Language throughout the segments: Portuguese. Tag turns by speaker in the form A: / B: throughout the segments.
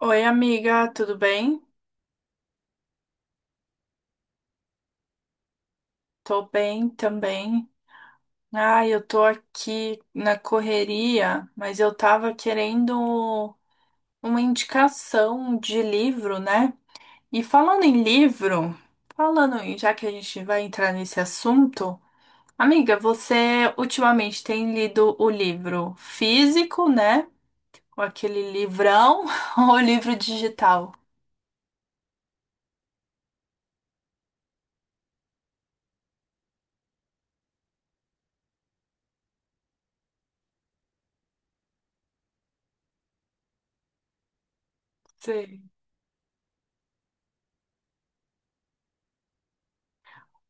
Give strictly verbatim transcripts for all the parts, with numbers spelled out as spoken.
A: Oi, amiga, tudo bem? Tô bem também. Ah, eu tô aqui na correria, mas eu tava querendo uma indicação de livro, né? E falando em livro, falando em, já que a gente vai entrar nesse assunto, amiga, você ultimamente tem lido o livro físico, né? Ou aquele livrão, ou o livro digital?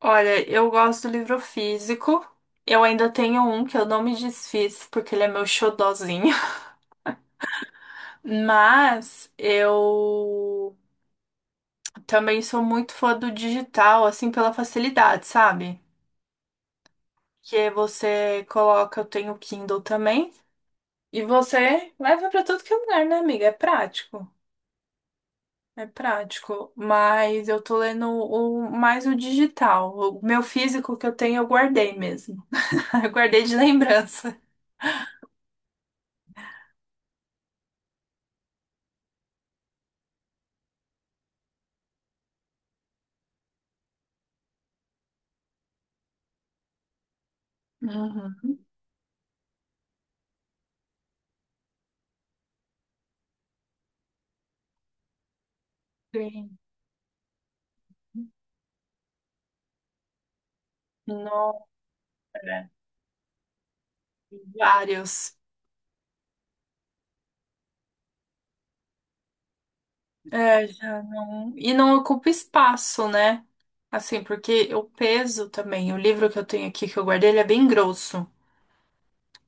A: Olha, eu gosto do livro físico. Eu ainda tenho um que eu não me desfiz porque ele é meu xodozinho. Mas eu também sou muito fã do digital, assim, pela facilidade, sabe? Que é você coloca, eu tenho Kindle também, e você leva pra tudo que é lugar, né, amiga? É prático. É prático, mas eu tô lendo o, mais o digital. O meu físico que eu tenho eu guardei mesmo. Eu guardei de lembrança. Uhum. Sim. Nossa, vários. É, já não. E não ocupa espaço, né? Assim, porque o peso também, o livro que eu tenho aqui que eu guardei, ele é bem grosso.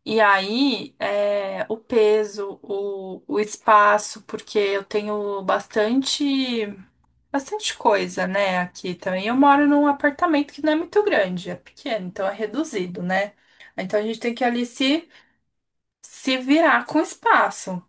A: E aí, é, o peso, o, o espaço, porque eu tenho bastante, bastante coisa, né, aqui também. Eu moro num apartamento que não é muito grande, é pequeno, então é reduzido, né? Então a gente tem que ali se, se virar com espaço.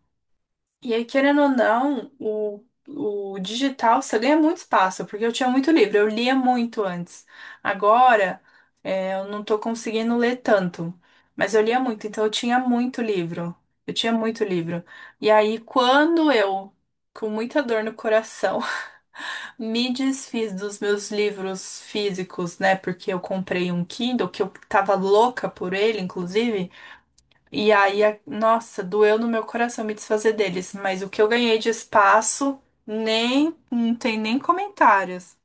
A: E aí, querendo ou não, o, o digital você ganha muito espaço, porque eu tinha muito livro, eu lia muito antes. Agora, é, eu não tô conseguindo ler tanto, mas eu lia muito, então eu tinha muito livro. Eu tinha muito livro. E aí, quando eu, com muita dor no coração, me desfiz dos meus livros físicos, né? Porque eu comprei um Kindle, que eu tava louca por ele, inclusive. E aí, a- nossa, doeu no meu coração me desfazer deles, mas o que eu ganhei de espaço, nem, não tem nem comentários.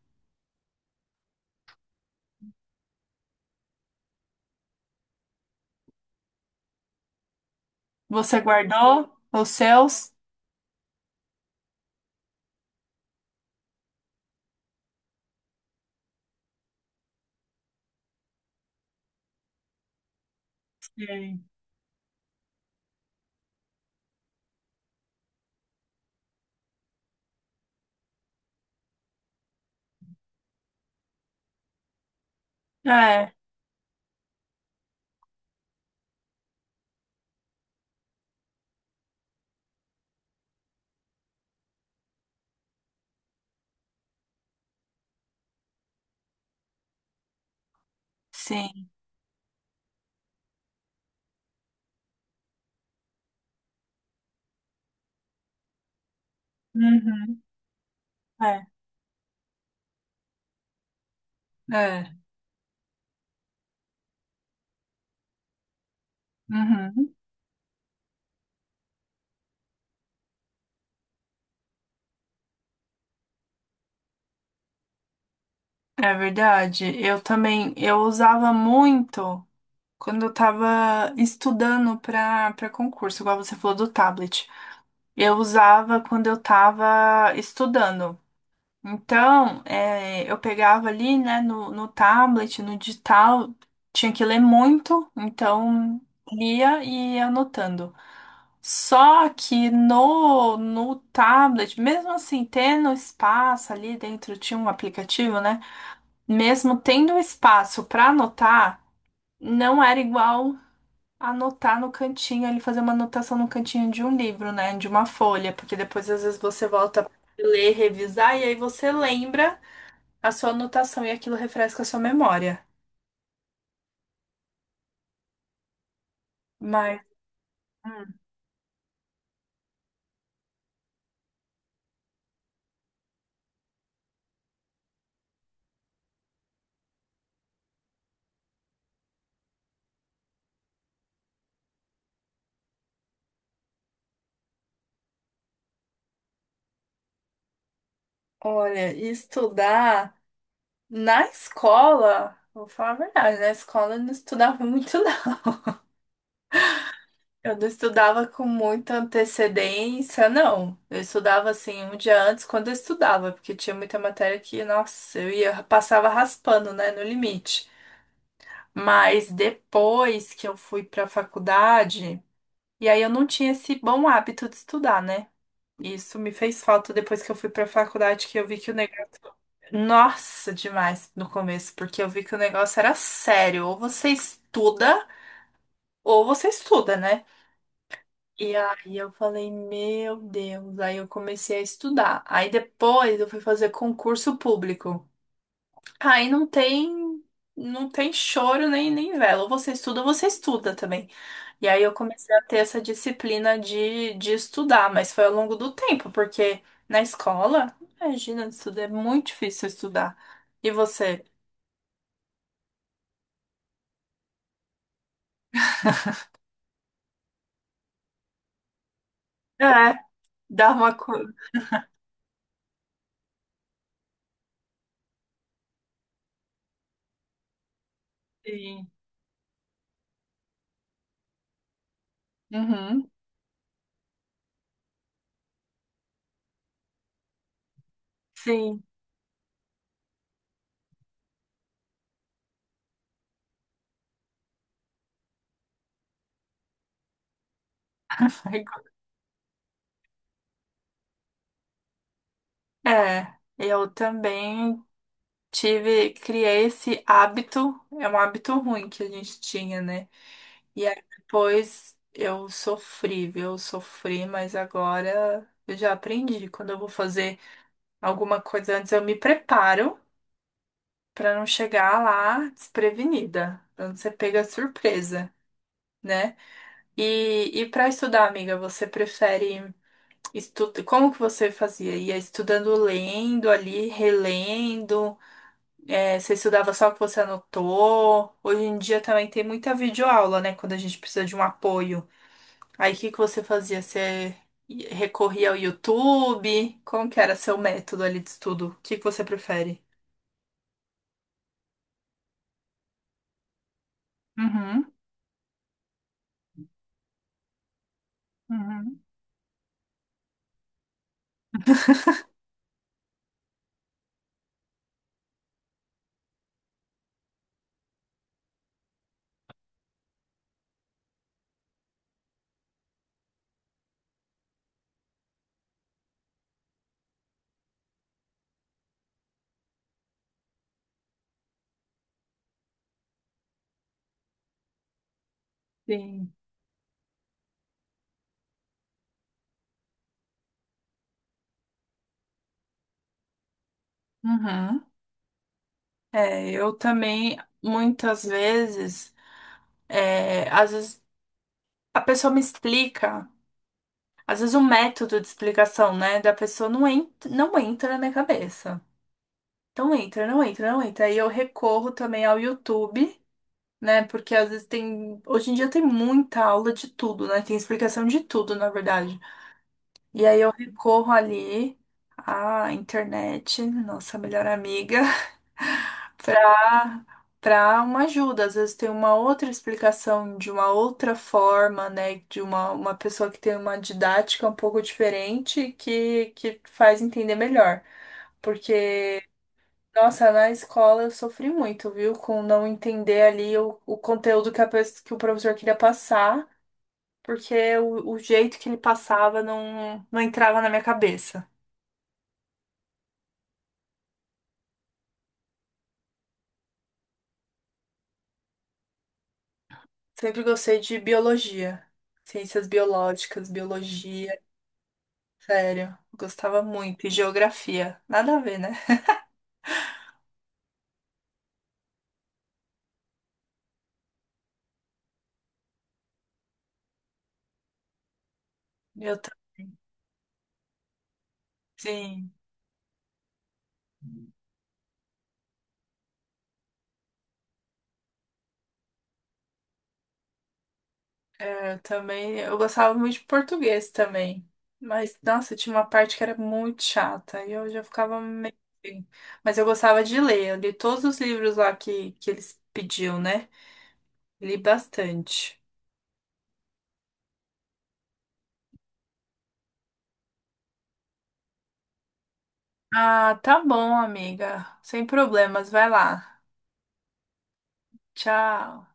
A: Você guardou os seus? Sim. É, sim. Uhum. É, é. Uhum. É verdade. Eu também, eu usava muito quando eu tava estudando para para concurso, igual você falou do tablet. Eu usava quando eu tava estudando. Então, eh, eu pegava ali, né, no, no tablet, no digital, tinha que ler muito, então lia e ia anotando. Só que no, no tablet, mesmo assim, tendo espaço ali dentro, tinha um aplicativo, né? Mesmo tendo espaço para anotar, não era igual anotar no cantinho, ele fazer uma anotação no cantinho de um livro, né, de uma folha, porque depois às vezes você volta a ler, revisar, e aí você lembra a sua anotação e aquilo refresca a sua memória. Mas, hum, olha, estudar na escola, vou falar a verdade, na escola eu não estudava muito, não. Eu não estudava com muita antecedência, não. Eu estudava assim um dia antes quando eu estudava, porque tinha muita matéria que, nossa, eu ia passava raspando, né, no limite. Mas depois que eu fui para a faculdade, e aí eu não tinha esse bom hábito de estudar, né? Isso me fez falta depois que eu fui pra faculdade, que eu vi que o negócio. Nossa, demais no começo, porque eu vi que o negócio era sério. Ou você estuda, ou você estuda, né? E aí eu falei, meu Deus. Aí eu comecei a estudar. Aí depois eu fui fazer concurso público. Aí não tem, não tem choro nem, nem vela. Ou você estuda, ou você estuda também. E aí eu comecei a ter essa disciplina de, de estudar, mas foi ao longo do tempo, porque na escola, imagina, estudar é muito difícil estudar. E você? É, dá uma coisa. Sim. Uhum, sim. É, eu também tive, criei esse hábito, é um hábito ruim que a gente tinha, né? E aí depois eu sofri, viu? Eu sofri, mas agora eu já aprendi. Quando eu vou fazer alguma coisa antes, eu me preparo pra não chegar lá desprevenida, pra não ser pega de surpresa, né? E, e para estudar, amiga, você prefere estudar? Como que você fazia? Ia estudando lendo ali, relendo? É, você estudava só o que você anotou? Hoje em dia também tem muita videoaula, né? Quando a gente precisa de um apoio. Aí o que que você fazia? Você recorria ao YouTube? Como que era seu método ali de estudo? O que que você prefere? Uhum, uhum, sim. Uhum. É, eu também, muitas vezes, é, às vezes a pessoa me explica, às vezes o método de explicação, né, da pessoa não, entra, não entra na minha cabeça. Então entra, não entra, não entra. Aí eu recorro também ao YouTube, né? Porque às vezes tem. Hoje em dia tem muita aula de tudo, né? Tem explicação de tudo, na verdade. E aí eu recorro ali à internet, nossa melhor amiga, pra, pra uma ajuda. Às vezes tem uma outra explicação de uma outra forma, né? De uma, uma pessoa que tem uma didática um pouco diferente que, que faz entender melhor. Porque nossa, na escola eu sofri muito, viu? Com não entender ali o, o conteúdo que, a, pes- que o professor queria passar, porque o, o jeito que ele passava não, não entrava na minha cabeça. Sempre gostei de biologia, ciências biológicas, biologia, sério, gostava muito. E geografia, nada a ver, né? Eu, ta- sim. É, eu também, eu gostava muito de português também. Mas, nossa, tinha uma parte que era muito chata e eu já ficava meio. Assim. Mas eu gostava de ler, eu li todos os livros lá que, que eles pediam, né? Li bastante. Ah, tá bom, amiga. Sem problemas, vai lá. Tchau.